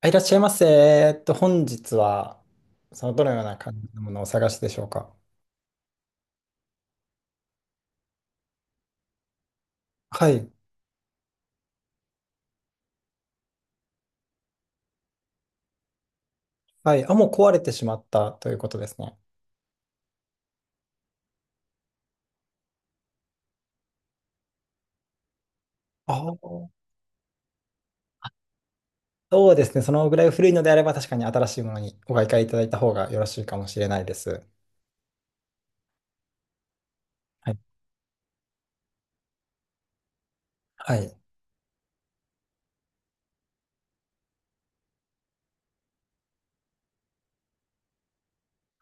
あ、いらっしゃいませ。本日は、どのような感じのものをお探しでしょうか？はい。はい。あ、もう壊れてしまったということですね。ああ。そうですね。そのぐらい古いのであれば、確かに新しいものにお買い替えいただいた方がよろしいかもしれないです。はい。はい。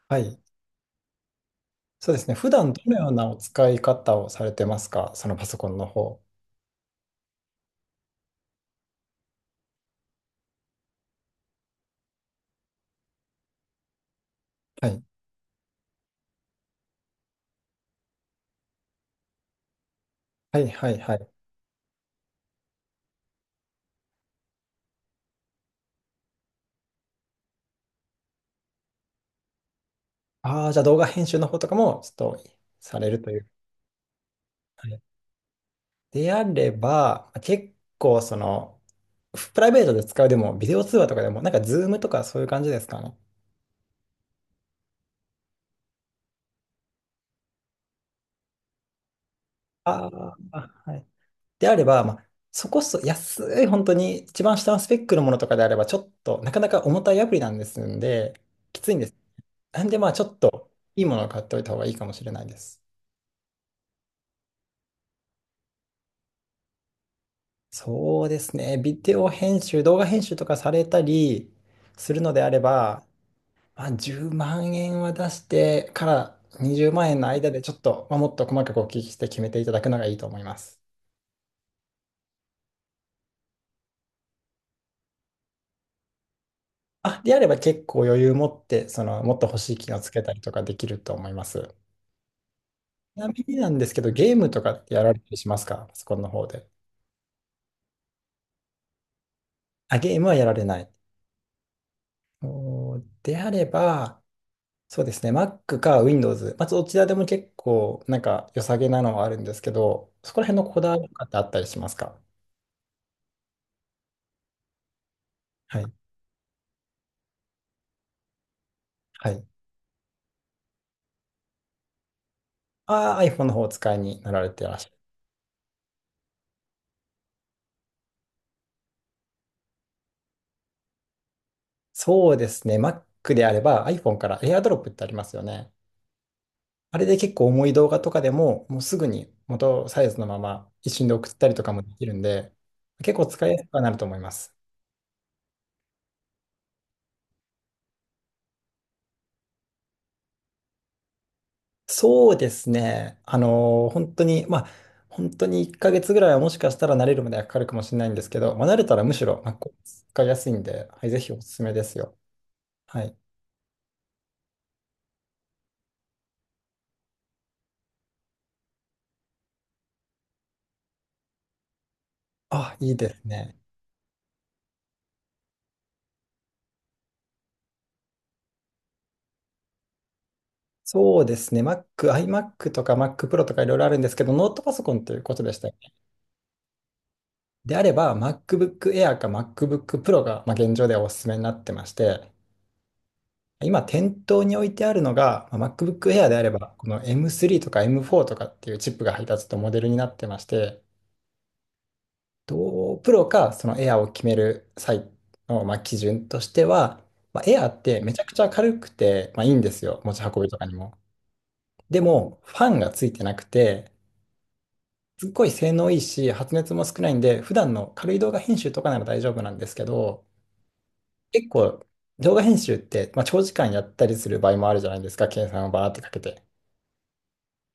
はい。そうですね。普段どのようなお使い方をされてますか、そのパソコンの方？はい。はい、はい、はい。ああ、じゃあ動画編集の方とかも、ちょっと、されるという。であれば、結構その、プライベートで使うでも、ビデオ通話とかでも、なんかズームとかそういう感じですかね？ああ、はい。であれば、まあ、そこそ安い、本当に一番下のスペックのものとかであれば、ちょっとなかなか重たいアプリなんですんで、きついんです。なんで、まあ、ちょっといいものを買っておいた方がいいかもしれないです。そうですね。ビデオ編集、動画編集とかされたりするのであれば、まあ、10万円は出してから20万円の間でちょっと、まあ、もっと細かくお聞きして決めていただくのがいいと思います。あ、であれば結構余裕持って、その、もっと欲しい機能つけたりとかできると思います。ちなみになんですけど、ゲームとかってやられたりしますか、パソコンの方で？あ、ゲームはやられない。おー、であれば、そうですね、Mac か Windows、まあ、どちらでも結構なんか良さげなのはあるんですけど、そこら辺のこだわりとかってあったりしますか？はい。はい。ああ、iPhone の方をお使いになられてらっしゃる。そうですね。Mac であれば iPhone から AirDrop ってありますよね。あれで結構重い動画とかでも、もうすぐに元サイズのまま一瞬で送ったりとかもできるんで、結構使いやすくはなると思います。そうですね。本当に、まあ、本当に1ヶ月ぐらいはもしかしたら慣れるまではかかるかもしれないんですけど、まあ、慣れたらむしろ Mac 使いやすいんで、はい、ぜひおすすめですよ。はい。あ、いいですね。そうですね。Mac、iMac とか Mac Pro とかいろいろあるんですけど、ノートパソコンということでしたよね。であれば、MacBook Air か MacBook Pro が、まあ、現状ではおすすめになってまして、今、店頭に置いてあるのが、まあ MacBook Air であれば、この M3 とか M4 とかっていうチップが配達とモデルになってまして、と、p r かその Air を決める際の、まあ、基準としては、まあ、Air ってめちゃくちゃ軽くて、まあ、いいんですよ、持ち運びとかにも。でも、ファンがついてなくて、すっごい性能いいし、発熱も少ないんで、普段の軽い動画編集とかなら大丈夫なんですけど、結構動画編集って、まあ、長時間やったりする場合もあるじゃないですか、計算をバーってかけて。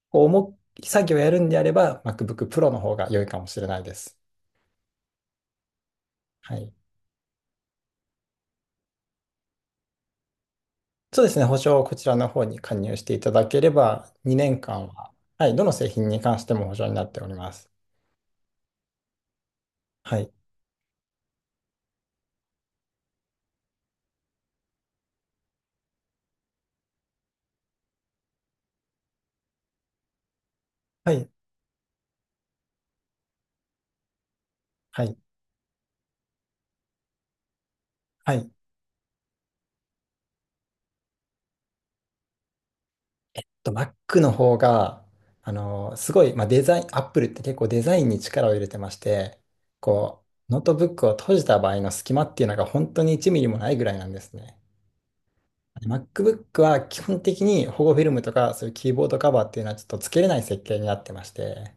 こう重い作業をやるんであれば、MacBook Pro の方が良いかもしれないです。はい。そうですね、保証をこちらの方に加入していただければ、2年間は、はい、どの製品に関しても保証になっております。はい。はい。はい。はい。と Mac の方が、すごい、まあ、デザイン、Apple って結構デザインに力を入れてまして、こう、ノートブックを閉じた場合の隙間っていうのが本当に1ミリもないぐらいなんですね。で MacBook は基本的に保護フィルムとかそういうキーボードカバーっていうのはちょっとつけれない設計になってまして、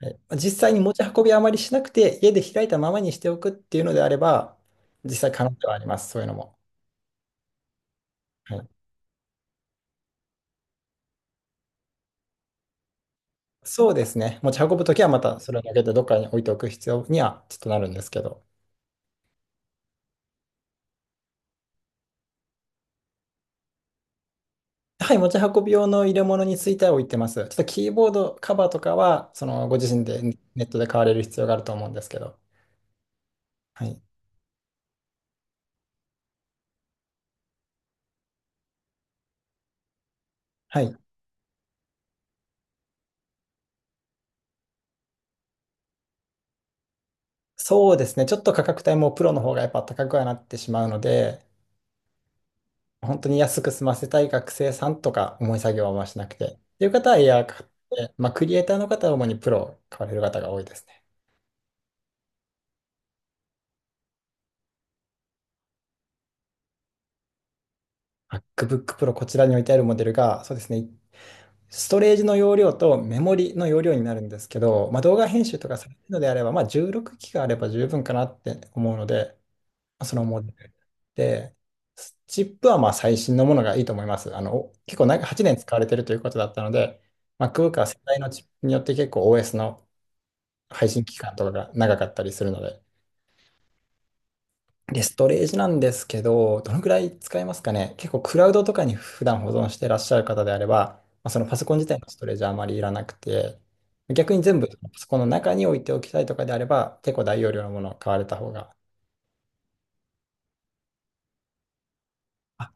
はい、まあ実際に持ち運びあまりしなくて家で開いたままにしておくっていうのであれば、実際可能ではあります、そういうのも。はい、そうですね。持ち運ぶときはまたそれをだけでどっかに置いておく必要にはちょっとなるんですけど。はい、持ち運び用の入れ物については置いてます。ちょっとキーボードカバーとかは、そのご自身でネットで買われる必要があると思うんですけど。はい。はい。そうですね。ちょっと価格帯もプロの方がやっぱ高くはなってしまうので、本当に安く済ませたい学生さんとか、重い作業はあんましなくてっていう方はエアー買って、まあ、クリエイターの方は主にプロを買われる方が多いですね。MacBook Pro こちらに置いてあるモデルが、そうですね。ストレージの容量とメモリの容量になるんですけど、まあ、動画編集とかされるのであれば、まあ、16ギガあれば十分かなって思うので、まあそのモデルで、チップはまあ最新のものがいいと思います。お結構長8年使われてるということだったので、MacBook は世代のチップによって結構 OS の配信期間とかが長かったりするので、で、ストレージなんですけど、どのくらい使えますかね？結構クラウドとかに普段保存してらっしゃる方であれば、まあ、そのパソコン自体のストレージはあまりいらなくて、逆に全部パソコンの中に置いておきたいとかであれば、結構大容量のものを買われた方が。あ、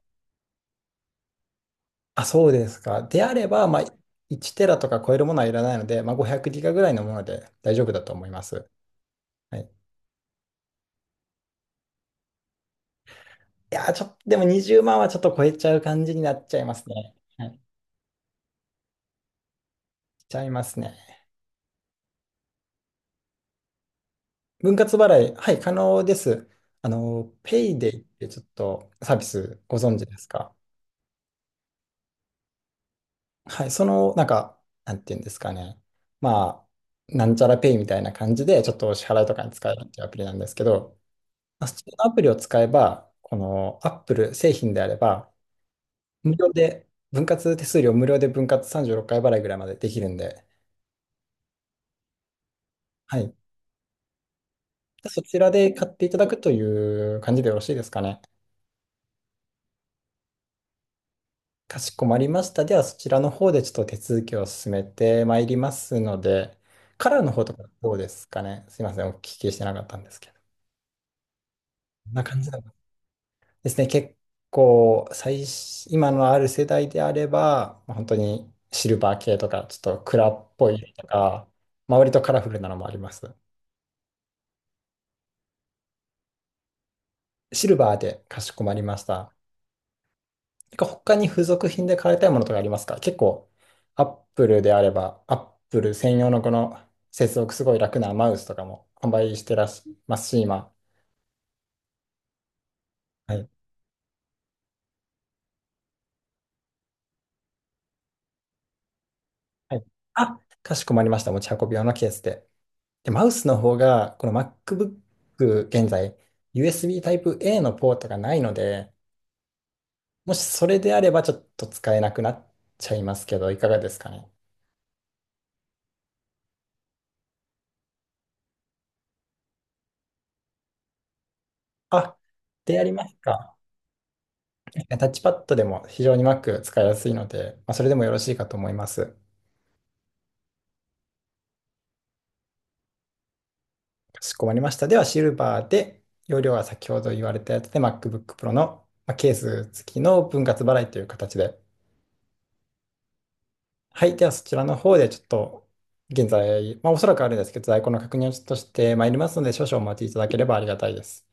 あ、そうですか。であれば、まあ、1テラとか超えるものはいらないので、まあ、500ギガぐらいのもので大丈夫だと思います。はい、いやー、ちょっと、でも20万はちょっと超えちゃう感じになっちゃいますね。はい、ちゃいますね。分割払い、はい、可能です。あの、ペイデイってちょっとサービスご存知ですか？はい、その、なんか、なんていうんですかね。まあ、なんちゃらペイみたいな感じで、ちょっとお支払いとかに使えるっていうアプリなんですけど、まあそのアプリを使えば、この Apple 製品であれば、無料で、分割手数料無料で分割36回払いぐらいまでできるんで、はい。そちらで買っていただくという感じでよろしいですかね？かしこまりました。では、そちらの方でちょっと手続きを進めてまいりますので、カラーの方とかどうですかね？すいません、お聞きしてなかったんですけど。こんな感じなのですね。結構、最新、今のある世代であれば、まあ本当にシルバー系とか、ちょっと蔵っぽいとか、まあ、割とカラフルなのもあります。シルバーでかしこまりました。てか他に付属品で買いたいものとかありますか？結構、アップルであれば、アップル専用のこの接続すごい楽なマウスとかも販売してらっしゃいますし、今。はい。はい。あ、かしこまりました。持ち運び用のケースで。で、マウスの方が、この MacBook 現在、USB タイプ a のポートがないので、もしそれであればちょっと使えなくなっちゃいますけど、いかがですかね？あ、でありますか。タッチパッドでも非常に Mac 使いやすいので、まあ、それでもよろしいかと思います。かしこまりました。では、シルバーで、容量は先ほど言われたやつで MacBook Pro のまあケース付きの分割払いという形で。はい。では、そちらの方でちょっと、現在、まあ、おそらくあるんですけど、在庫の確認をちょっとしてまいりますので、少々お待ちいただければありがたいです。